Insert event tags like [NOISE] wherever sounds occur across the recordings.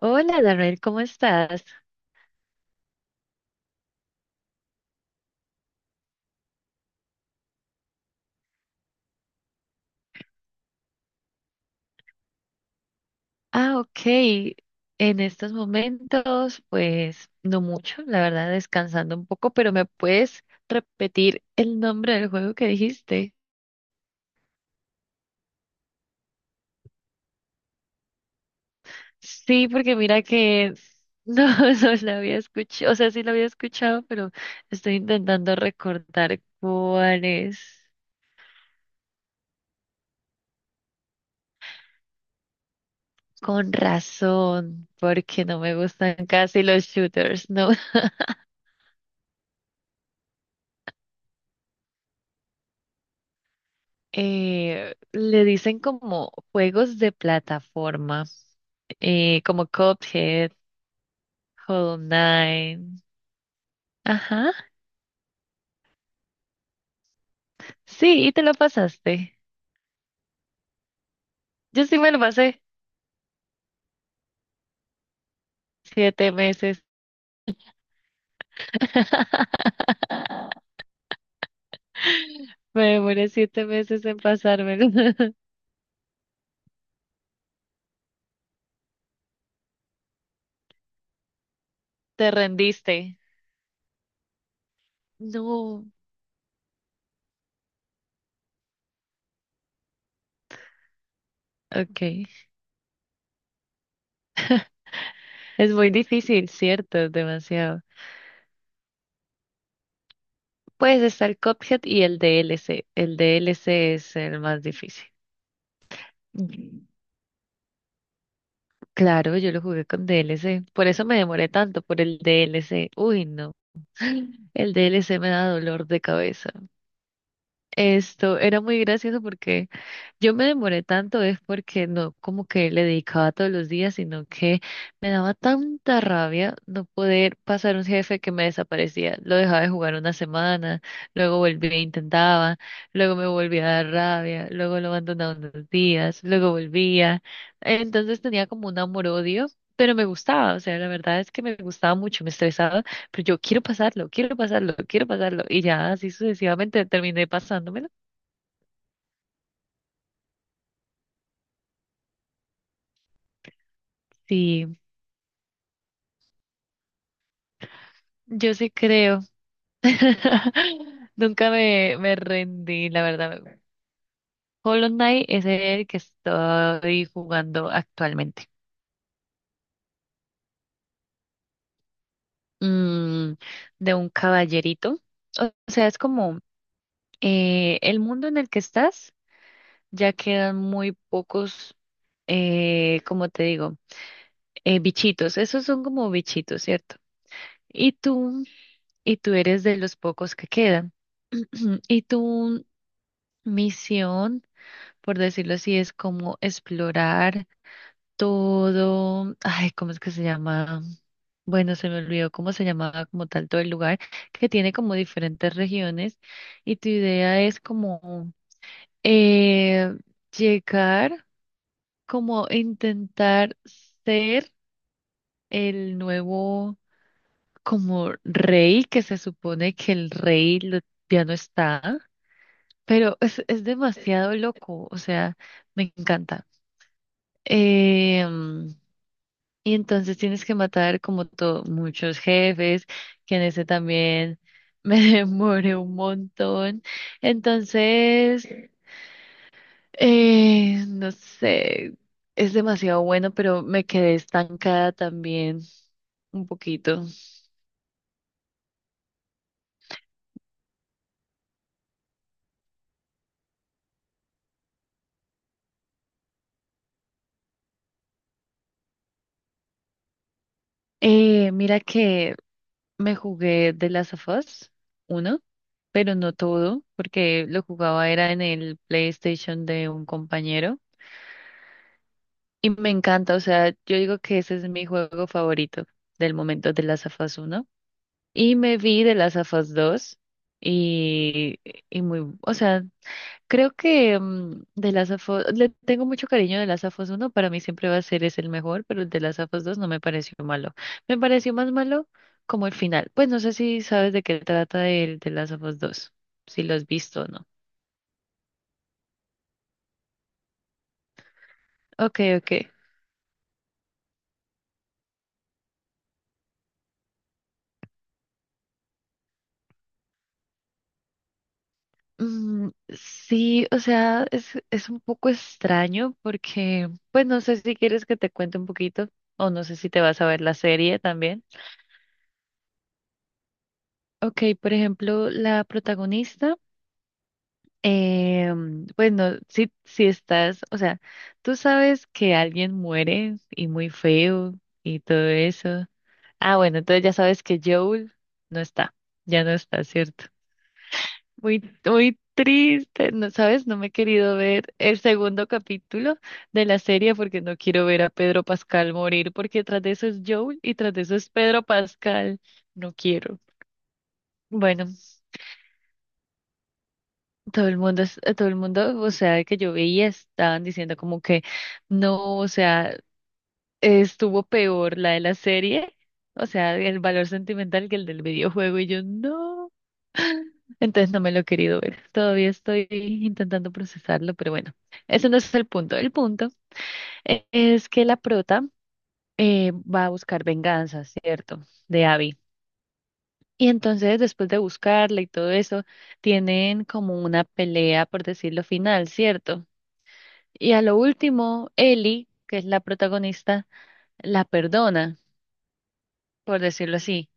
Hola, Darrell, ¿cómo estás? Ah, ok. En estos momentos, pues no mucho, la verdad, descansando un poco, pero ¿me puedes repetir el nombre del juego que dijiste? Sí, porque mira que no, [LAUGHS] no la había escuchado, o sea, sí la había escuchado, pero estoy intentando recordar cuál es. Con razón, porque no me gustan casi los shooters, ¿no? [LAUGHS] Le dicen como juegos de plataforma. Como Cuphead, Hollow Knight. Ajá. Sí, y te lo pasaste. Yo sí me lo pasé 7 meses. [LAUGHS] Me demoré 7 meses en pasármelo. [LAUGHS] Te rendiste. No. Okay. Es muy difícil, ¿cierto? Demasiado. Pues está el Cuphead y el DLC. El DLC es el más difícil. Claro, yo lo jugué con DLC. Por eso me demoré tanto, por el DLC. Uy, no. [LAUGHS] El DLC me da dolor de cabeza. Esto era muy gracioso porque yo me demoré tanto es porque no como que le dedicaba todos los días, sino que me daba tanta rabia no poder pasar un jefe que me desaparecía. Lo dejaba de jugar una semana, luego volvía e intentaba, luego me volvía a dar rabia, luego lo abandonaba unos días, luego volvía. Entonces tenía como un amor-odio, pero me gustaba, o sea, la verdad es que me gustaba mucho, me estresaba, pero yo quiero pasarlo, quiero pasarlo, quiero pasarlo. Y ya así sucesivamente terminé pasándomelo. Sí, yo sí creo. [LAUGHS] Nunca me rendí, la verdad. Hollow Knight es el que estoy jugando actualmente. Mm, de un caballerito. O sea, es como el mundo en el que estás, ya quedan muy pocos, como te digo, bichitos. Esos son como bichitos, ¿cierto? Y tú, y tú eres de los pocos que quedan. [CLEARS THROAT] Y tu misión, por decirlo así, es como explorar todo, ay, ¿cómo es que se llama? Bueno, se me olvidó cómo se llamaba como tal todo el lugar, que tiene como diferentes regiones y tu idea es como eh, llegar, como intentar ser el nuevo como rey, que se supone que el rey ya no está, pero es demasiado loco, o sea, me encanta. Em, Y entonces tienes que matar como todo, muchos jefes, que en ese también me [LAUGHS] demoré un montón. Entonces, no sé, es demasiado bueno, pero me quedé estancada también un poquito. Mira que me jugué The Last of Us 1, pero no todo, porque lo jugaba era en el PlayStation de un compañero. Y me encanta, o sea, yo digo que ese es mi juego favorito del momento de las AFAS 1. Y me vi de las AFAS 2 y, y muy, o sea, creo que de las AFAS, le tengo mucho cariño de las AFAS 1, para mí siempre va a ser es el mejor, pero el de las AFAS 2 no me pareció malo. Me pareció más malo como el final. Pues no sé si sabes de qué trata el de las AFAS 2, si lo has visto o no. Ok, ok. Mm, sí, o sea, es un poco extraño porque, pues no sé si quieres que te cuente un poquito o no sé si te vas a ver la serie también. Ok, por ejemplo, la protagonista, eh, pues no, si estás, o sea, tú sabes que alguien muere y muy feo y todo eso. Ah, bueno, entonces ya sabes que Joel no está, ya no está, ¿cierto? Muy, muy triste, no, ¿sabes? No me he querido ver el segundo capítulo de la serie porque no quiero ver a Pedro Pascal morir, porque tras de eso es Joel y tras de eso es Pedro Pascal. No quiero. Bueno, todo el mundo, todo el mundo, o sea, que yo veía estaban diciendo como que no, o sea, estuvo peor la de la serie, o sea, el valor sentimental que el del videojuego y yo no. Entonces no me lo he querido ver. Todavía estoy intentando procesarlo, pero bueno, eso no es el punto. El punto es que la prota va a buscar venganza, ¿cierto? De Abby. Y entonces, después de buscarla y todo eso, tienen como una pelea, por decirlo final, ¿cierto? Y a lo último, Ellie, que es la protagonista, la perdona, por decirlo así.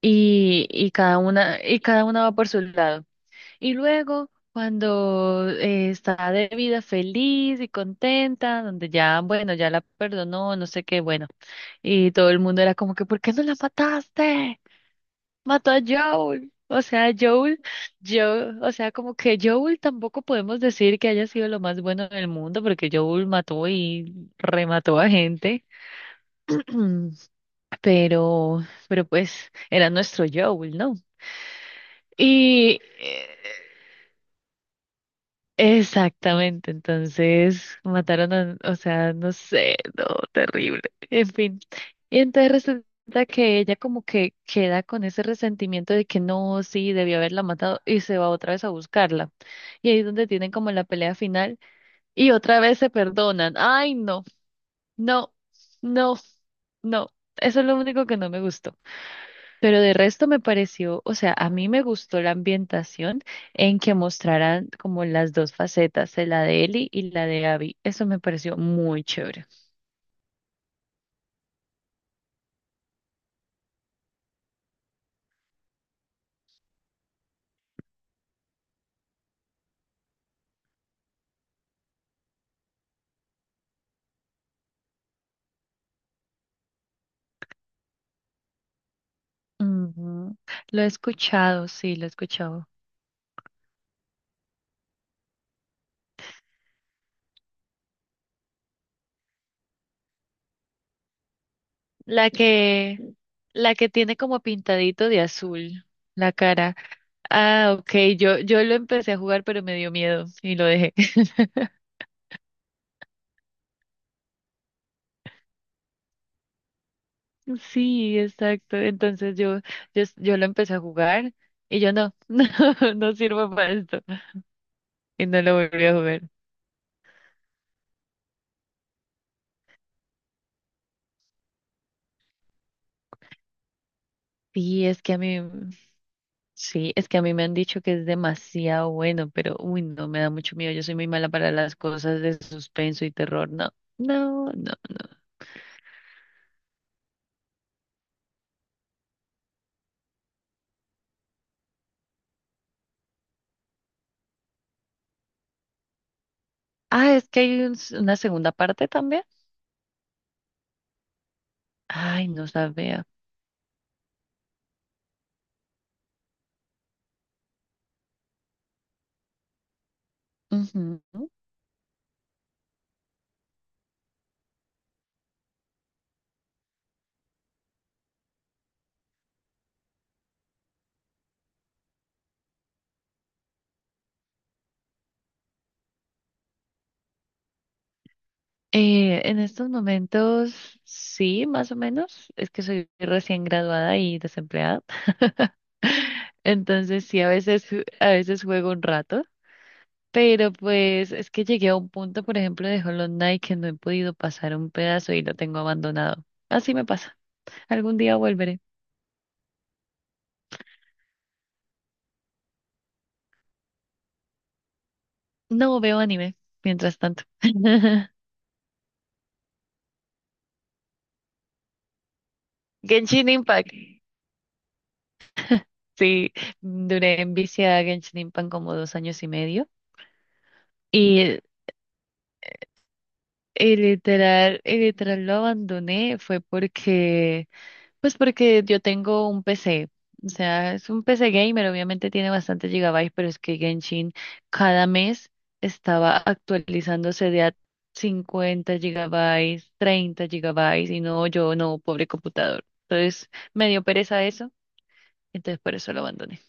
Y cada una va por su lado. Y luego, cuando está de vida feliz y contenta, donde ya, bueno, ya la perdonó, no sé qué, bueno, y todo el mundo era como que, ¿por qué no la mataste? Mató a Joel. O sea, Joel, yo, o sea, como que Joel tampoco podemos decir que haya sido lo más bueno del mundo, porque Joel mató y remató a gente, [CLEARS THROAT] pero, pero pues era nuestro Joel, ¿no? Y, eh, Exactamente, entonces mataron a, o sea, no sé, no, terrible, en fin. Y entonces resulta que ella como que queda con ese resentimiento de que no, sí, debió haberla matado y se va otra vez a buscarla. Y ahí es donde tienen como la pelea final y otra vez se perdonan. Ay, no, no, no, no. Eso es lo único que no me gustó. Pero de resto me pareció, o sea, a mí me gustó la ambientación en que mostraran como las dos facetas, la de Ellie y la de Abby. Eso me pareció muy chévere. Ujú. Lo he escuchado, sí, lo he escuchado. La que, la que tiene como pintadito de azul la cara. Ah, ok, yo lo empecé a jugar, pero me dio miedo y lo dejé. [LAUGHS] Sí, exacto. Entonces yo lo empecé a jugar y yo no, [LAUGHS] no, no sirvo para esto. Y no la volví a jugar. Sí, es que a mí, sí, es que a mí me han dicho que es demasiado bueno, pero uy, no, me da mucho miedo. Yo soy muy mala para las cosas de suspenso y terror. No, no, no. Ah, es que hay una segunda parte también. Ay, no sabía. Ujú. En estos momentos, sí, más o menos. Es que soy recién graduada y desempleada. [LAUGHS] Entonces, sí, a veces juego un rato. Pero pues es que llegué a un punto, por ejemplo, de Hollow Knight que no he podido pasar un pedazo y lo tengo abandonado. Así me pasa. Algún día volveré. No veo anime, mientras tanto. [LAUGHS] Genshin Impact. Sí, duré en vicio a Genshin Impact como 2,5 años. Y, eh, y literal lo abandoné fue porque yo tengo un PC, o sea, es un PC gamer, obviamente tiene bastantes gigabytes, pero es que Genshin cada mes estaba actualizándose de a 50 gigabytes, 30 gigabytes, y no, yo no, pobre computador. Entonces me dio pereza eso, entonces por eso lo abandoné.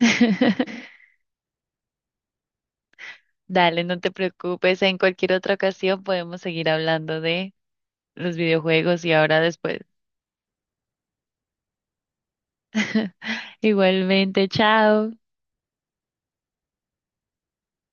[LAUGHS] Dale, no te preocupes, en cualquier otra ocasión podemos seguir hablando de los videojuegos y ahora después. Igualmente, chao.